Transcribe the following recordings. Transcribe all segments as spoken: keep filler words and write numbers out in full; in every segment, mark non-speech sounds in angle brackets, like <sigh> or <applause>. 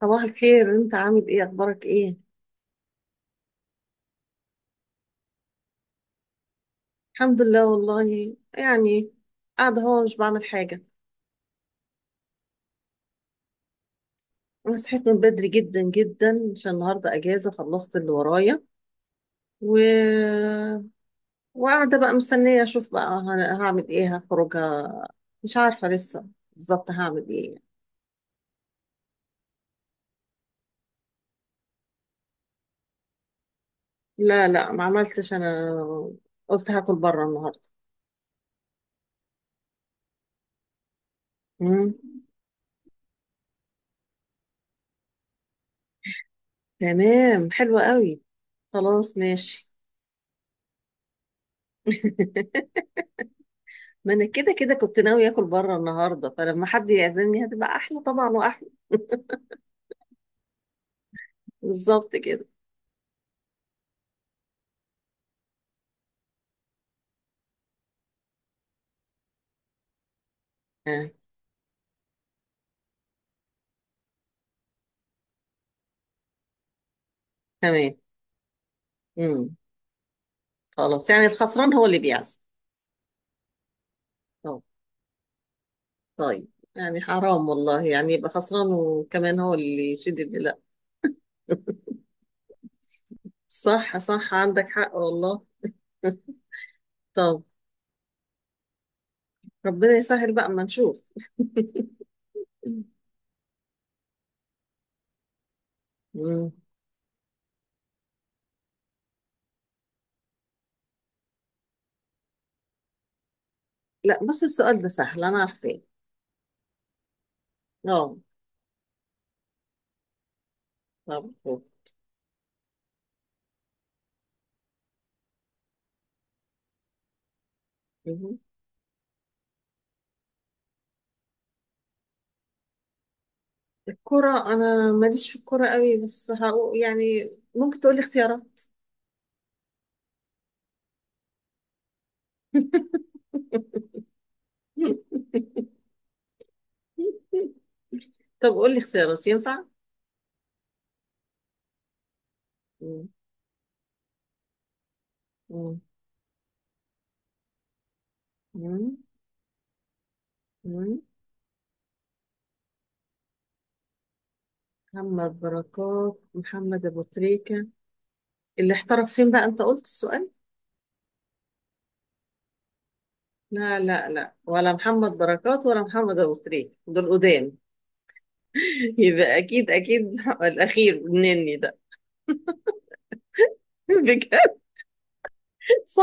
صباح الخير، انت عامل ايه؟ اخبارك ايه؟ الحمد لله، والله يعني قاعده اهو مش بعمل حاجه. انا صحيت من بدري جدا جدا عشان النهارده اجازه خلصت اللي ورايا و... وقاعده بقى مستنيه اشوف بقى ه- هعمل ايه، هخرجها، مش عارفه لسه بالظبط هعمل ايه. لا لا، ما عملتش انا، قلت هاكل بره النهارده. مم. تمام، حلوه قوي، خلاص ماشي. <laughs> ما انا كده كده كنت ناوي اكل بره النهارده، فلما حد يعزمني هتبقى احلى طبعا واحلى. بالظبط كده. آه. تمام. امم. خلاص يعني الخسران هو اللي بيعزم. طب طيب. يعني حرام والله يعني يبقى خسران وكمان هو اللي يشيل، اللي لا. <laughs> صح صح، عندك حق والله. <laughs> طب ربنا يسهل بقى اما نشوف. <clears throat> مم. لا بص، السؤال ده سهل، انا عارفاه. اه. طب طب. مم. الكرة انا ماليش في الكرة قوي، بس هقول يعني ممكن تقولي اختيارات. <laughs> طب قول لي اختيارات، ينفع؟ مم. مم. مم. مم. محمد بركات، محمد أبو تريكة، اللي احترف فين بقى أنت قلت السؤال؟ لا لا لا، ولا محمد بركات ولا محمد أبو تريكة دول قدام. <laughs> يبقى أكيد أكيد الأخير مني ده. <laughs> بجد؟ صح.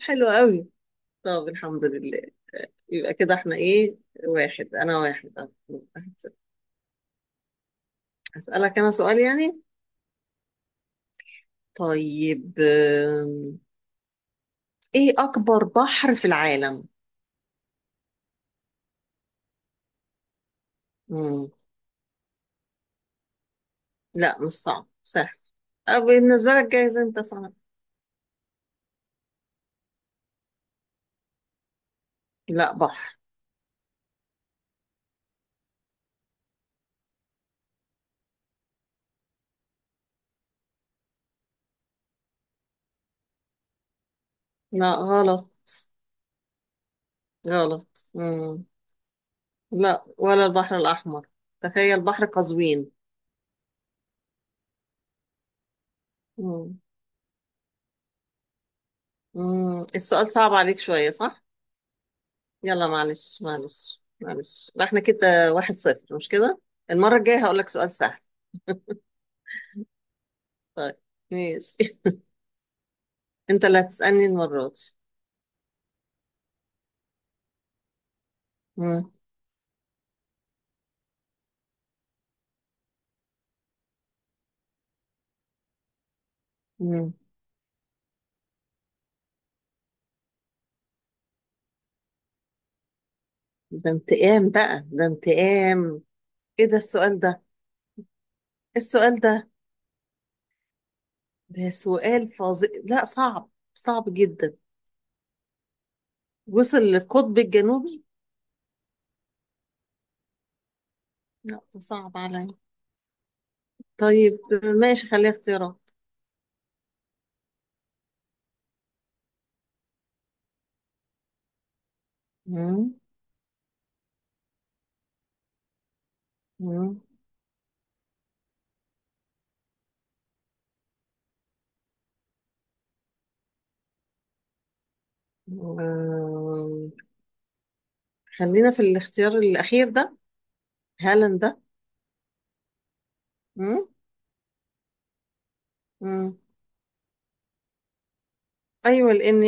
حلو قوي، طب الحمد لله، يبقى كده احنا ايه؟ واحد، أنا واحد، أه. هسألك أنا سؤال يعني، طيب، ايه اكبر بحر في العالم؟ مم. لا مش صعب، سهل. أه، بالنسبة لك جايز انت صعب. لا، بحر. لا غلط. غلط. مم. لا ولا البحر الاحمر، تخيل، بحر قزوين. مم. مم. السؤال صعب عليك شوية، صح. يلا معلش معلش معلش، احنا كده واحد صفر، مش كده؟ المرة الجاية هقولك سؤال سهل. طيب ماشي. <laughs> انت اللي هتسألني المرة دي. مم. مم. ده انتقام بقى، ده انتقام. ايه ده السؤال ده؟ السؤال ده ده سؤال فظيع، لا صعب صعب جدا. وصل للقطب الجنوبي. لا ده صعب عليا. طيب ماشي، خليها اختيارات. مم. مم. آه، خلينا في الاختيار الأخير ده، هالاند ده. مم. مم. أيوة لأن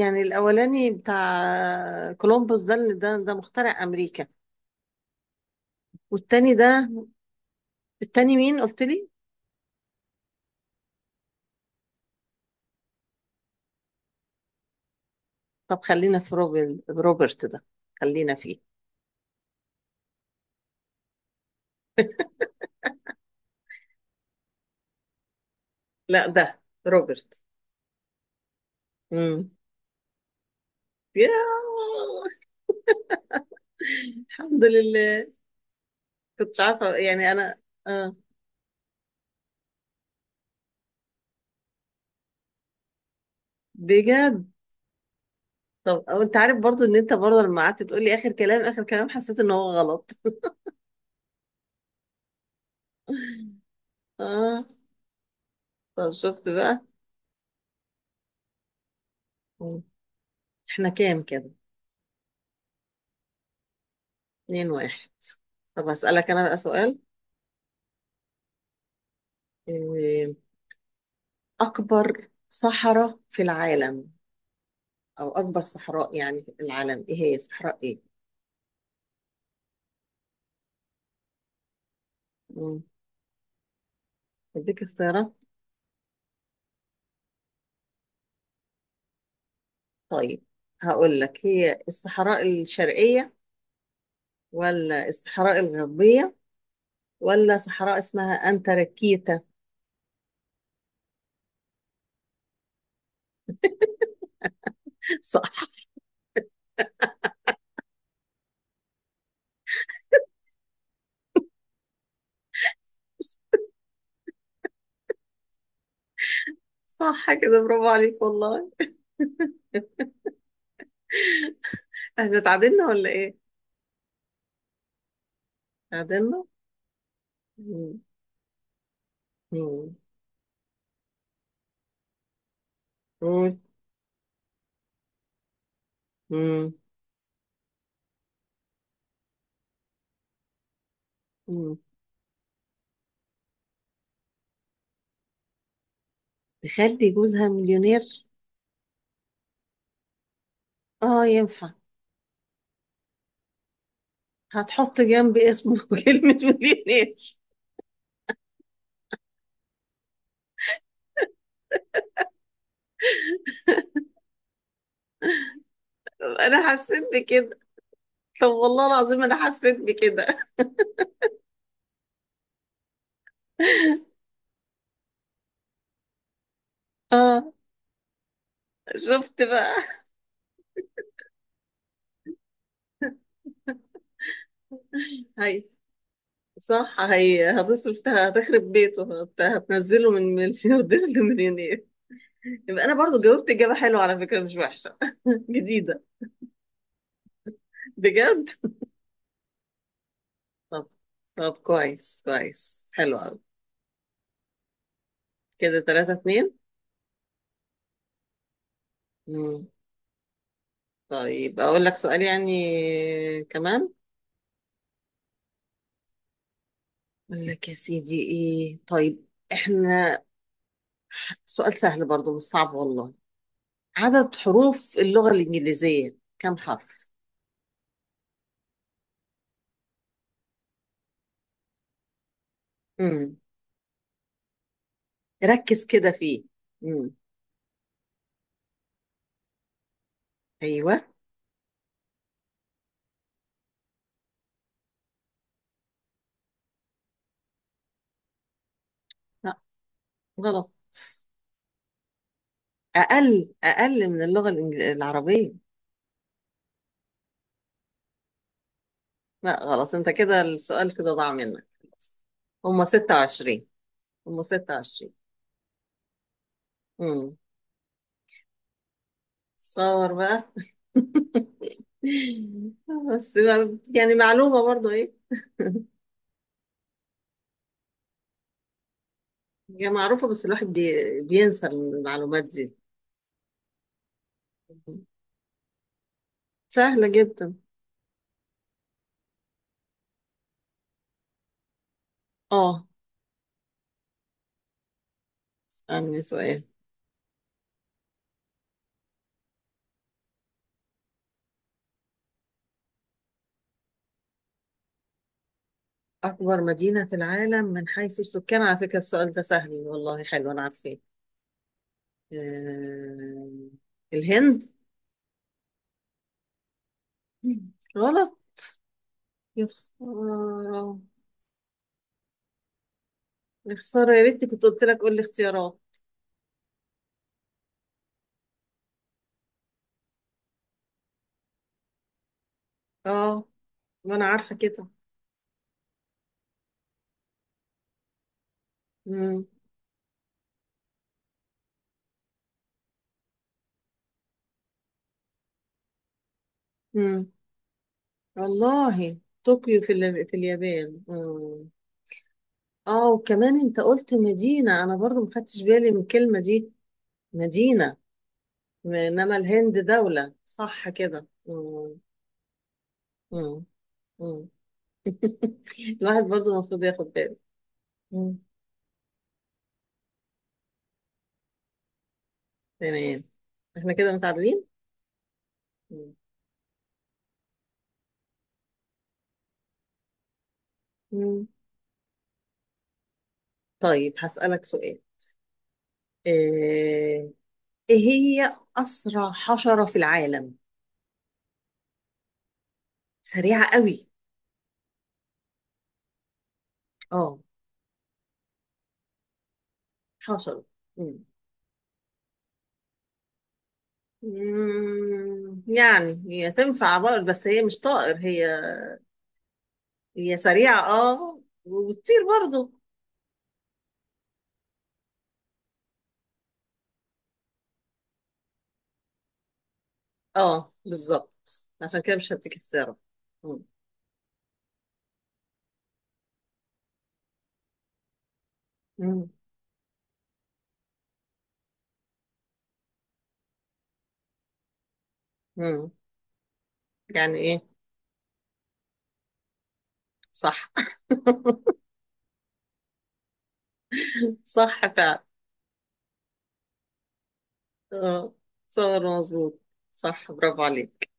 يعني الأولاني بتاع كولومبوس ده اللي ده ده مخترع أمريكا. والتاني ده، التاني مين قلت لي؟ طب خلينا في روبل- روبرت ده، خلينا فيه. لا ده روبرت. امم. يا الحمد لله، كنتش عارفه يعني انا. اه بجد. طب أو انت عارف برضو ان انت برضو لما قعدت تقول لي اخر كلام اخر كلام حسيت ان هو غلط. <laughs> اه، طب شفت بقى. مم. احنا كام كده؟ اتنين واحد. طب هسألك انا بقى سؤال، إيه، اكبر صحراء في العالم؟ او اكبر صحراء يعني في العالم ايه، هي صحراء ايه؟ مم. اديك اختيارات. طيب هقول لك، هي الصحراء الشرقية ولا الصحراء الغربية ولا صحراء اسمها أنتاركتيكا؟ <laughs> صح. صح كده، برافو عليك والله. احنا اتعادلنا ولا ايه؟ اتعادلنا؟ مم. مم. قول. مم. مم. تخلي جوزها مليونير؟ اه ينفع. هتحط جنب اسمه <laughs> كلمة مليونير. انا حسيت بكده، طب والله العظيم انا حسيت بكده. اه شفت بقى. <laughs> هاي، صح هي هتصرف ته- هتخرب بيته، هت- هتنزله من ملياردير لمليونير. يبقى انا برضو جاوبت اجابه حلوه على فكره، مش وحشه <laughs> جديده. بجد؟ طب. طب كويس كويس، حلو قوي. كده تلاتة اتنين. امم. طيب اقول لك سؤال يعني، كمان، اقول لك يا سيدي، ايه، طيب، احنا سؤال سهل برضو مش صعب والله. عدد حروف اللغه الانجليزيه كم حرف؟ امم. ركز كده فيه. امم. ايوه. غلط. أقل أقل من اللغة الإنجل- العربية. لا غلط، أنت كده السؤال كده ضاع منك خلاص. هما ستة وعشرين، هما ستة وعشرين. امم. تصور بقى. <laughs> بس ما- يعني معلومة برضو إيه. <laughs> هي معروفة، بس الواحد بي... بينسى المعلومات دي. سهلة جدا. آه. اسألني سؤال. أكبر مدينة في العالم من حيث السكان، على فكرة السؤال ده سهل والله، حلو، أنا عارفاه. آه، الهند. غلط. يا خسارة. يا خسارة، يا ريتني كنت قلت لك قول لي اختيارات. اه. ما انا عارفة كده. مم. مم. والله طوكيو في ال... في اليابان. مم. اه وكمان انت قلت مدينة، انا برضو ما خدتش بالي من الكلمة دي، مدينة. انما الهند دولة، صح كده. مم. مم. مم. <laughs> الواحد برضو المفروض ياخد باله. مم. تمام. احنا كده متعادلين. مم. مم. طيب هسألك سؤال، آه، ايه هي اسرع حشرة في العالم؟ سريعة قوي. اه. حشرة. مم. مم، يعني هي تنفع برضه، بس هي مش طائر، هي هي سريعة اه وبتطير برضه. اه بالظبط، عشان كده مش هديك اختيارات. مم. مم. مم. يعني ايه؟ صح. <laughs> صح فعلا. اه صور مظبوط. صح برافو عليك.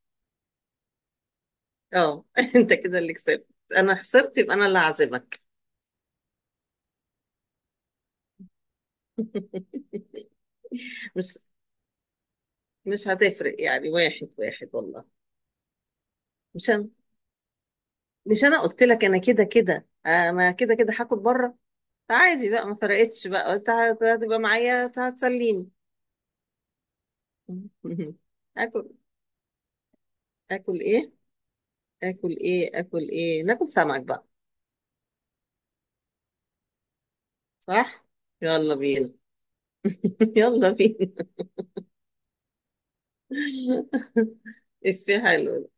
اه. <laughs> انت كده اللي كسبت. انا خسرت، يبقى انا اللي هعزمك. <laughs> مش مش هتفرق يعني، واحد واحد والله. مش انا. مش انا قلت لك انا كده كده انا كده كده هاكل بره. عادي بقى، ما فرقتش بقى، انت هت- هتبقى معايا، هت- هتسليني. <laughs> اكل اكل ايه اكل ايه اكل ايه، ناكل سمك بقى. صح. يلا بينا. <laughs> يلا بينا. <laughs> افيه حلو ده.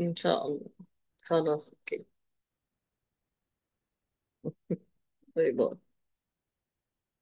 ان شاء الله. خلاص اوكي. باي باي.